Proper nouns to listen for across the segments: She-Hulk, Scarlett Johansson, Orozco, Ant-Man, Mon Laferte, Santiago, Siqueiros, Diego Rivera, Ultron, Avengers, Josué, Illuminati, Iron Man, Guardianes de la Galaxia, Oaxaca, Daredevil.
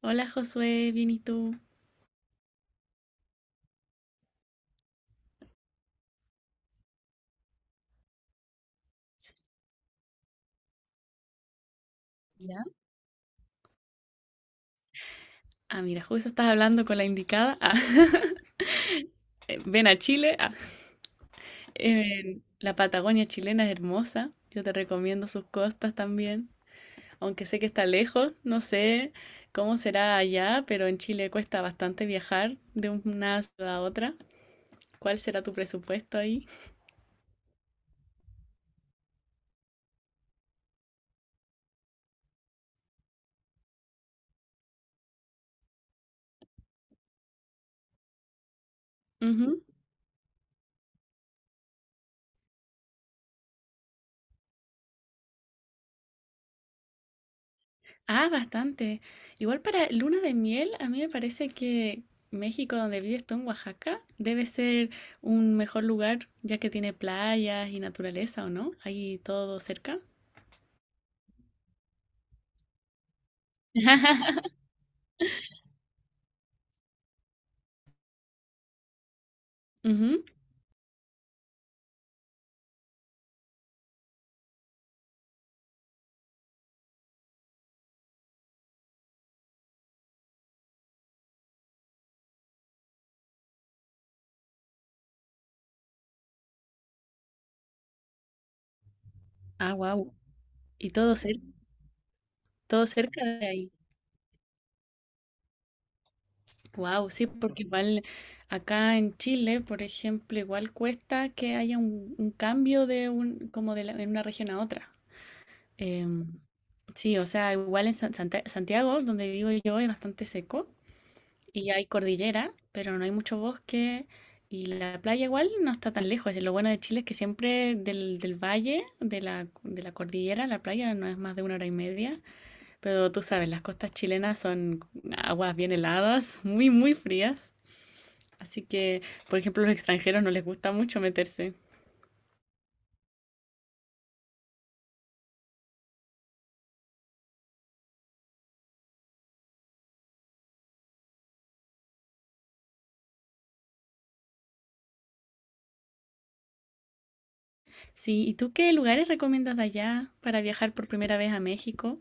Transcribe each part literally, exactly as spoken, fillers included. Hola Josué, bien y tú. ¿Ya? Ah, mira, justo estás hablando con la indicada. Ah, eh, Ven a Chile. Ah, eh, la Patagonia chilena es hermosa. Yo te recomiendo sus costas también. Aunque sé que está lejos, no sé cómo será allá, pero en Chile cuesta bastante viajar de una ciudad a otra. ¿Cuál será tu presupuesto ahí? Ah, bastante. Igual para luna de miel, a mí me parece que México, donde vives tú en Oaxaca, debe ser un mejor lugar, ya que tiene playas y naturaleza, ¿o no? Ahí todo cerca. Ujú. Ah, wow. Y todo cer- Todo cerca de ahí. Wow, sí, porque igual acá en Chile, por ejemplo, igual cuesta que haya un, un cambio de un, como de la- en una región a otra. Em, sí, o sea, igual en San- Santa- Santiago, donde vivo yo, es bastante seco y hay cordillera, pero no hay mucho bosque y la playa igual no está tan lejos. Y lo bueno de Chile es que siempre del, del valle, de la, de la cordillera, la playa no es más de una hora y media, pero tú sabes, las costas chilenas son aguas bien heladas, muy, muy frías. Así que, por ejemplo, a los extranjeros no les gusta mucho meterse. Sí, ¿y tú qué lugares recomiendas de allá para viajar por primera vez a México?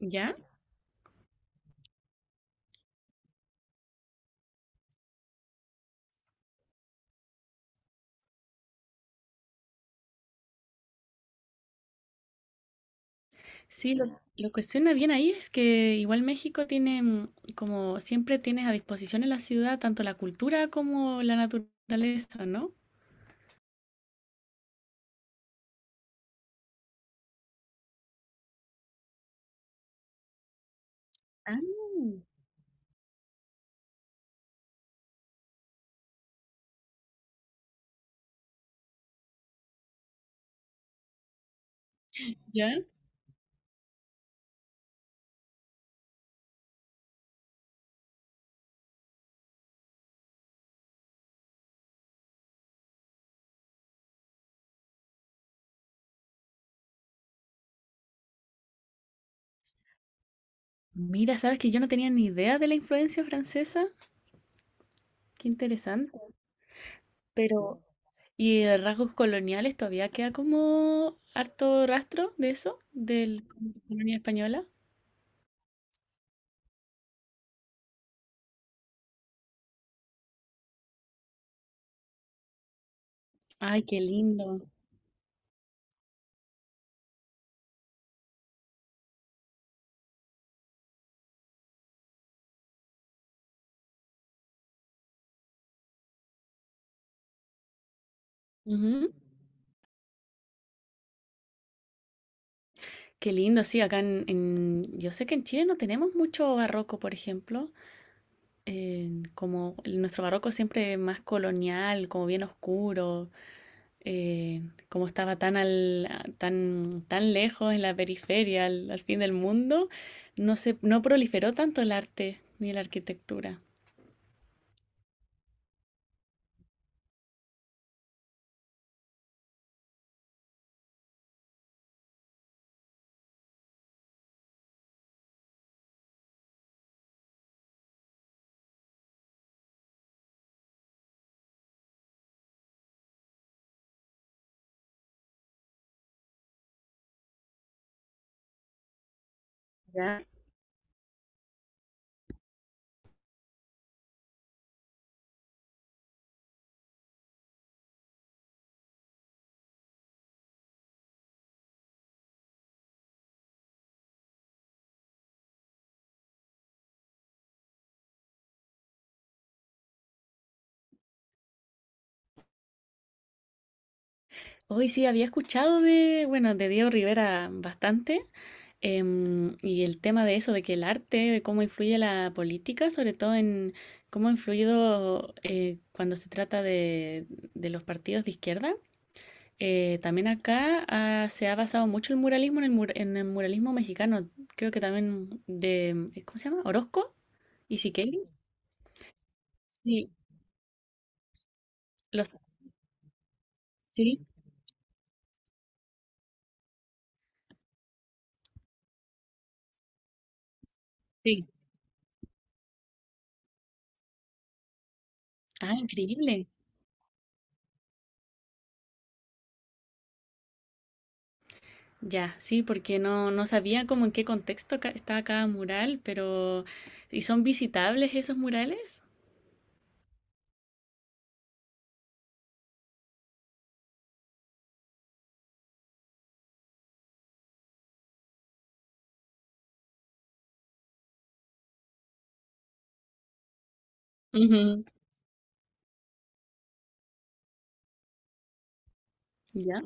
¿Ya? Sí, lo, lo cuestiona bien ahí es que igual México tiene, mm, como siempre tienes a disposición en la ciudad, tanto la cultura como la naturaleza, ¿no? Ah, ¿ya? Mira, sabes que yo no tenía ni idea de la influencia francesa. Qué interesante. Pero... ¿Y de rasgos coloniales todavía queda como harto rastro de eso, de la colonia española? Ay, qué lindo. Ujú. Qué lindo, sí, acá en, en- yo sé que en Chile no tenemos mucho barroco, por ejemplo. Eh, como nuestro barroco siempre más colonial, como bien oscuro, eh, como estaba tan, al- tan, tan lejos en la periferia, al, al fin del mundo, no se, no proliferó tanto el arte ni la arquitectura. Ya. Hoy sí había escuchado de, bueno, de Diego Rivera bastante, em, y el tema de eso, de que el arte, de cómo influye la política, sobre todo en cómo ha influido eh, cuando se trata de, de los partidos de izquierda. Eh, también acá ah, se ha basado mucho el muralismo en el, mur- en el muralismo mexicano. Creo que también de, eh, ¿cómo se llama? Orozco y Siqueiros. Sí, los, sí, sí. Ah, increíble. Ya, sí, porque no, no sabía como en qué contexto ca- está cada mural, pero ¿y son visitables esos murales? Ujú, ya.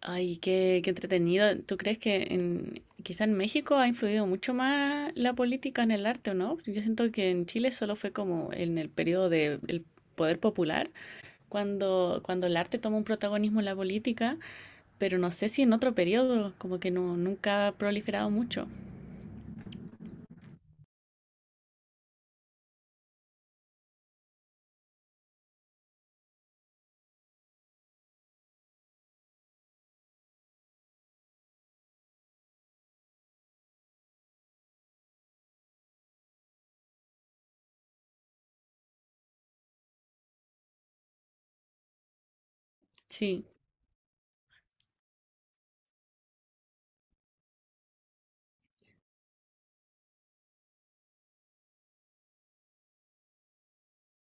Ay, qué, qué entretenido. ¿Tú crees que en, quizá en México ha influido mucho más la política en el arte, o no? Porque yo siento que en Chile solo fue como en el periodo del poder popular, cuando, cuando el arte toma un protagonismo en la política, pero no sé si en otro periodo, como que no, nunca ha proliferado mucho. Sí,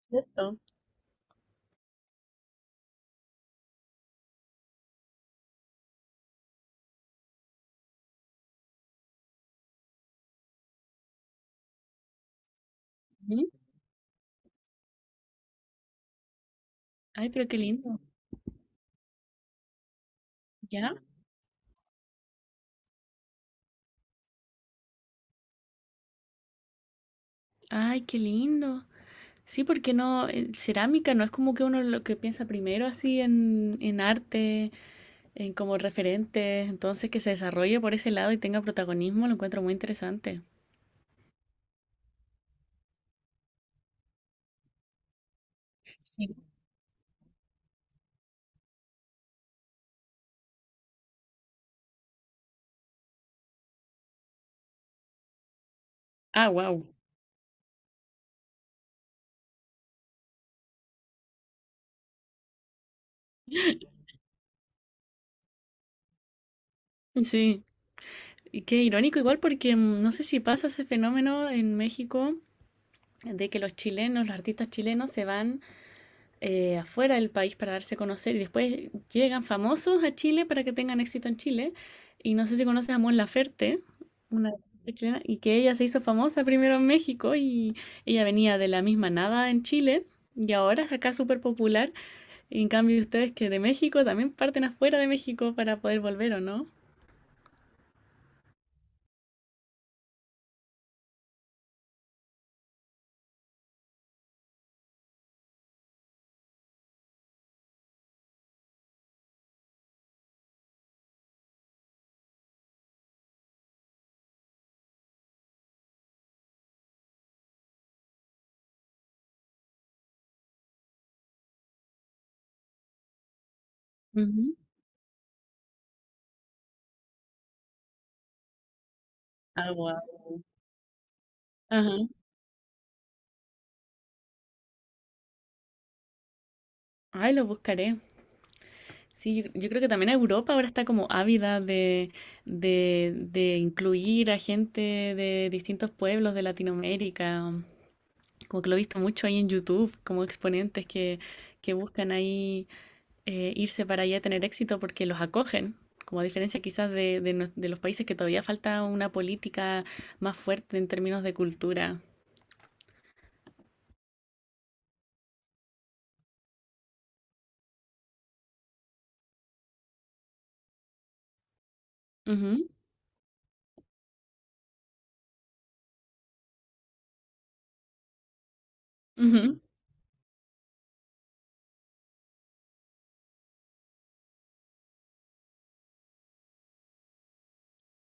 cierto. Ujú. Ay, pero qué lindo. ¿Ya? Ay, qué lindo. Sí, porque no, eh, cerámica no es como que uno lo que piensa primero así en, en arte. En como referentes, entonces que se desarrolle por ese lado y tenga protagonismo, lo encuentro muy interesante. Sí. Ah, wow. Sí. Y qué irónico igual porque mm, no sé si pasa ese fenómeno en México de que los chilenos, los artistas chilenos se van eh, afuera del país para darse a conocer y después llegan famosos a Chile para que tengan éxito en Chile. Y no sé si conoces a Mon Laferte, una artista chilena, y que ella se hizo famosa primero en México y ella venía de la misma nada en Chile y ahora es acá súper popular. Y en cambio ustedes que de México también parten afuera de México para poder volver, ¿o no? Ujú. Ah, guau. Ajá. Ay, lo buscaré. Sí, yo, yo creo que también Europa ahora está como ávida de, de, de incluir a gente de distintos pueblos de Latinoamérica. Como que lo he visto mucho ahí en YouTube, como exponentes que, que buscan ahí eh, irse para allá a tener éxito porque los acogen, como a diferencia quizás de, de, no- de los países que todavía falta una política más fuerte en términos de cultura. Ujú, ujú.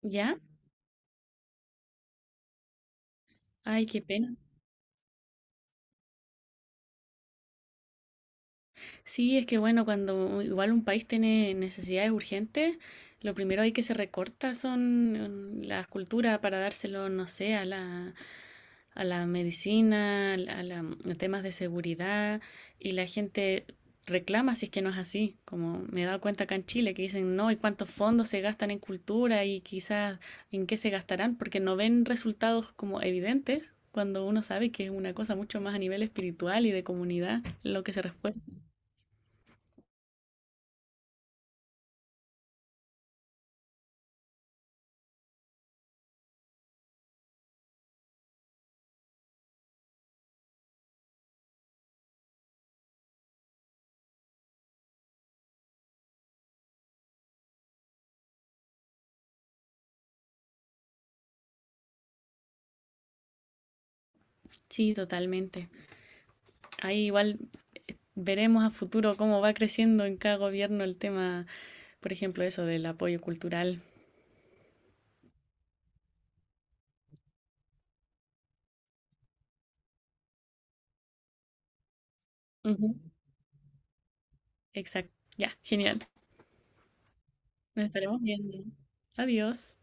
¿Ya? Ay, qué pena. Sí, es que bueno, cuando u- igual un país tiene necesidades urgentes, lo primero hay que se recorta son mm, la cultura para dárselo, no sé, a la, a la medicina, a, la- a temas de seguridad, y la gente reclama si es que no es así, como me he dado cuenta acá en Chile, que dicen no, ¿y cuántos fondos se gastan en cultura y quizás en qué se gastarán? Porque no ven resultados como evidentes cuando uno sabe que es una cosa mucho más a nivel espiritual y de comunidad lo que se refuerza. Sí, totalmente. Ahí igual eh, veremos a futuro cómo va creciendo en cada gobierno el tema, por ejemplo, eso del apoyo cultural. Ujú. Exacto. Ya, genial. Nos estaremos viendo. Adiós.